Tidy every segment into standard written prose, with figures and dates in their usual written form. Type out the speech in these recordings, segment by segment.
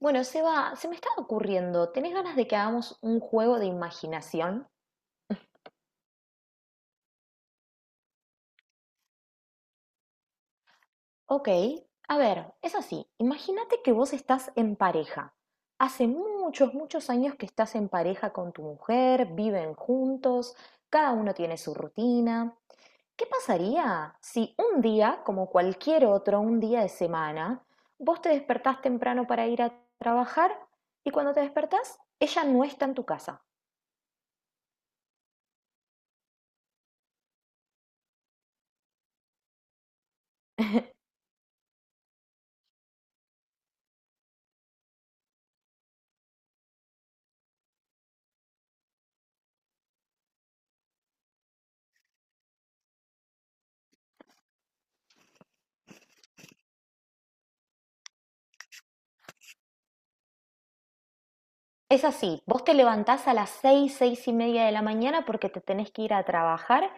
Bueno, Seba, se me está ocurriendo, ¿tenés ganas de que hagamos un juego de imaginación? Ok, a ver, es así, imagínate que vos estás en pareja. Hace muchos, muchos años que estás en pareja con tu mujer, viven juntos, cada uno tiene su rutina. ¿Qué pasaría si un día, como cualquier otro, un día de semana, vos te despertás temprano para ir a trabajar y cuando te despertás, ella no está en tu casa? Es así, vos te levantás a las 6, 6:30 de la mañana porque te tenés que ir a trabajar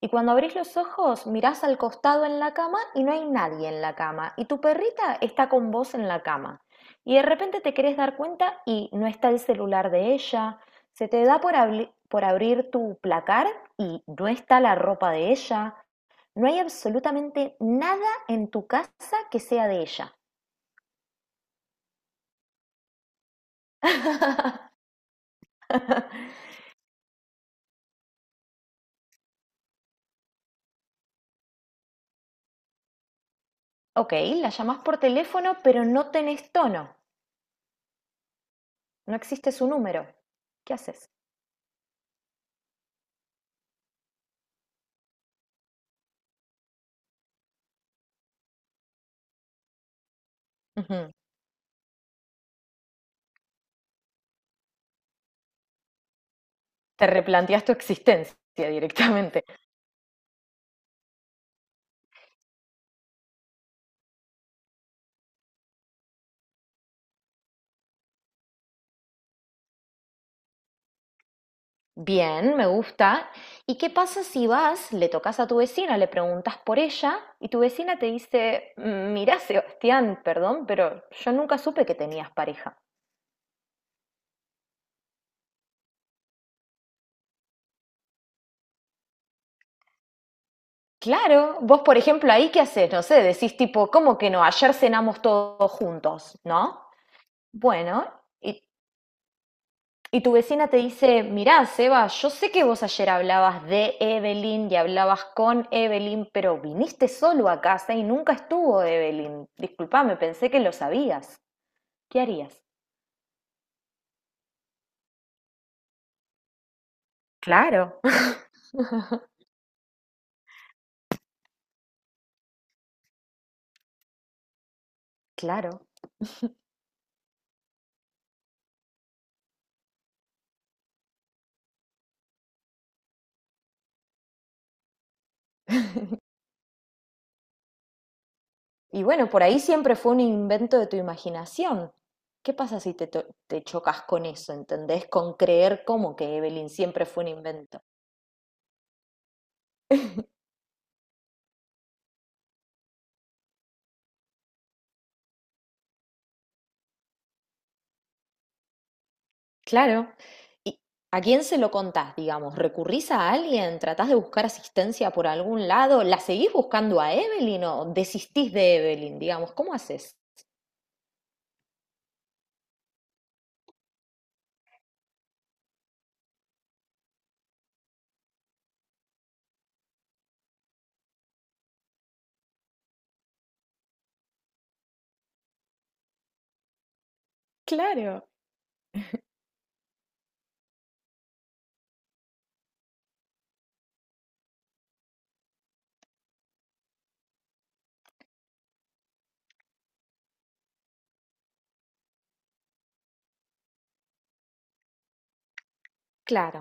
y cuando abrís los ojos mirás al costado en la cama y no hay nadie en la cama y tu perrita está con vos en la cama y de repente te querés dar cuenta y no está el celular de ella, se te da por, por abrir tu placar y no está la ropa de ella, no hay absolutamente nada en tu casa que sea de ella. Ok, la llamás por teléfono, pero no tenés tono, no existe su número. ¿Qué haces? Ujú. Te replanteas tu existencia directamente. Bien, me gusta. ¿Y qué pasa si vas, le tocas a tu vecina, le preguntas por ella y tu vecina te dice, mirá, Sebastián, perdón, pero yo nunca supe que tenías pareja? Claro, vos por ejemplo ahí qué haces, no sé, decís tipo, ¿cómo que no? Ayer cenamos todos juntos, ¿no? Bueno, y Y tu vecina te dice, mirá, Seba, yo sé que vos ayer hablabas de Evelyn y hablabas con Evelyn, pero viniste solo a casa y nunca estuvo Evelyn. Disculpame, pensé que lo sabías. ¿Qué harías? Claro. Claro. Y bueno, por ahí siempre fue un invento de tu imaginación. ¿Qué pasa si te chocas con eso? ¿Entendés? Con creer como que Evelyn siempre fue un invento. Claro. ¿Y a quién se lo contás, digamos? ¿Recurrís a alguien? ¿Tratás de buscar asistencia por algún lado? ¿La seguís buscando a Evelyn o desistís de Evelyn, digamos? ¿Cómo haces? Claro. Claro.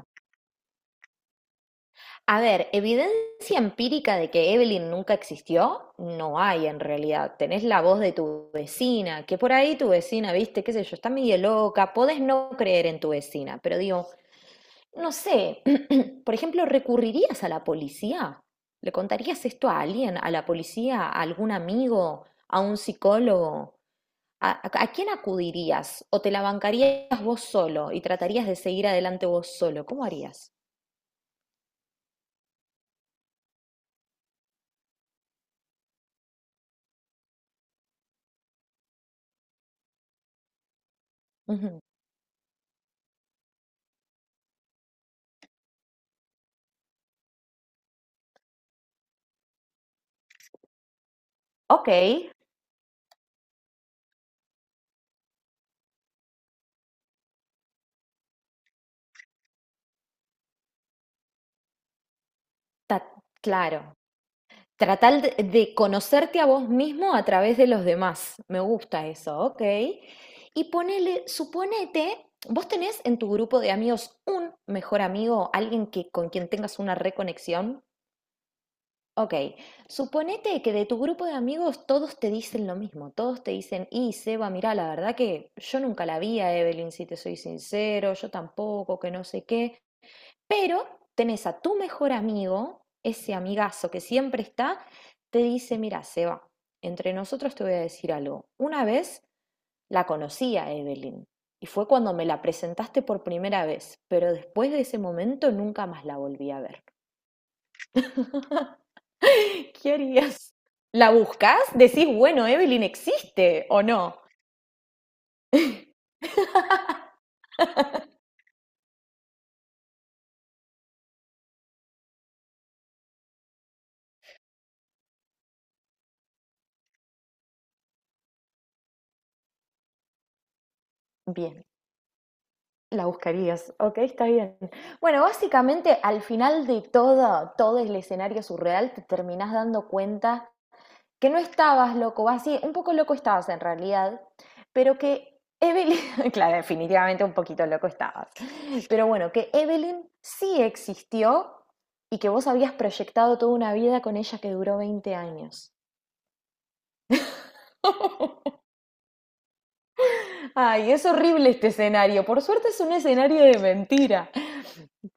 A ver, evidencia empírica de que Evelyn nunca existió, no hay en realidad. Tenés la voz de tu vecina, que por ahí tu vecina, viste, qué sé yo, está medio loca, podés no creer en tu vecina, pero digo, no sé, por ejemplo, ¿recurrirías a la policía? ¿Le contarías esto a alguien, a la policía, a algún amigo, a un psicólogo? A quién acudirías? ¿O te la bancarías vos solo y tratarías de seguir adelante vos solo? ¿Cómo harías? Ujú. Ok, ta- claro. Tratar de conocerte a vos mismo a través de los demás. Me gusta eso, ok. Y ponele, suponete, vos tenés en tu grupo de amigos un mejor amigo, alguien que, con quien tengas una reconexión. Ok, suponete que de tu grupo de amigos todos te dicen lo mismo, todos te dicen, y Seba, mirá, la verdad que yo nunca la vi a Evelyn, si te soy sincero, yo tampoco, que no sé qué. Pero tenés a tu mejor amigo, ese amigazo que siempre está, te dice, mira, Seba, entre nosotros te voy a decir algo. Una vez la conocí a Evelyn y fue cuando me la presentaste por primera vez, pero después de ese momento nunca más la volví a ver. ¿Qué harías? ¿La buscas? Decís, bueno, Evelyn existe o no. Bien. La buscarías. Ok, está bien. Bueno, básicamente al final de todo, todo el escenario surreal, te terminás dando cuenta que no estabas loco, o así, un poco loco estabas en realidad, pero que Evelyn, claro, definitivamente un poquito loco estabas, pero bueno, que Evelyn sí existió y que vos habías proyectado toda una vida con ella que duró 20 años. Ay, es horrible este escenario. Por suerte es un escenario de mentira.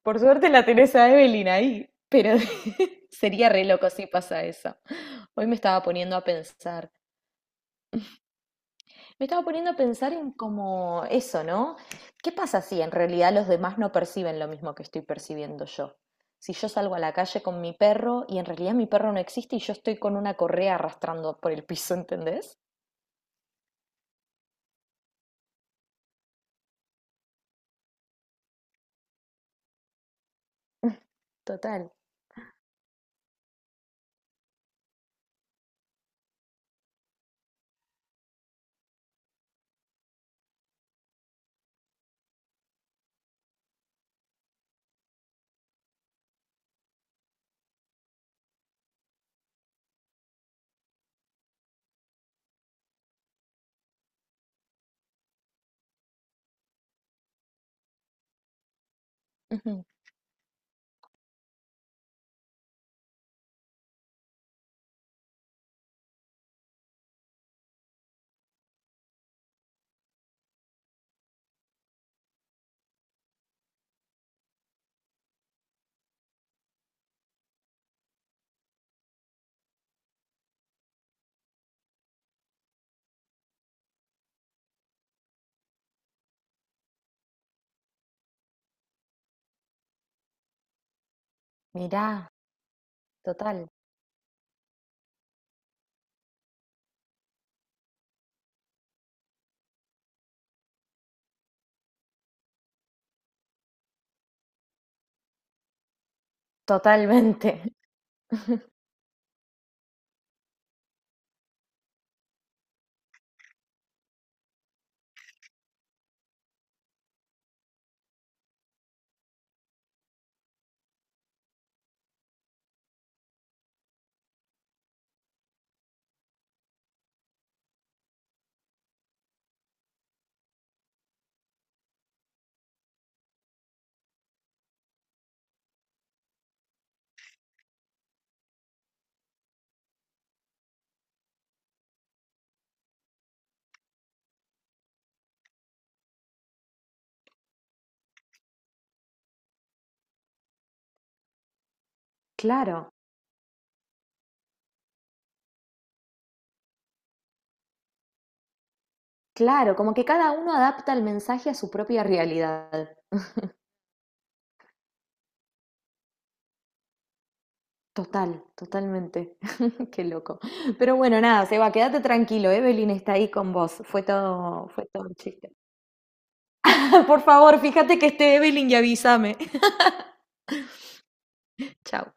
Por suerte la tenés a Evelyn ahí. Pero sería re loco si pasa eso. Hoy me estaba poniendo a pensar. Me estaba poniendo a pensar en como eso, ¿no? ¿Qué pasa si en realidad los demás no perciben lo mismo que estoy percibiendo yo? Si yo salgo a la calle con mi perro y en realidad mi perro no existe y yo estoy con una correa arrastrando por el piso, ¿entendés? Total. Ujú. Mirá, total. Totalmente. Claro, claro, como que cada uno adapta el mensaje a su propia realidad. Total, totalmente. Qué loco. Pero bueno, nada, Seba, quédate tranquilo, Evelyn está ahí con vos. Fue todo un chiste. Por favor, fíjate que esté Evelyn y avísame. Chao.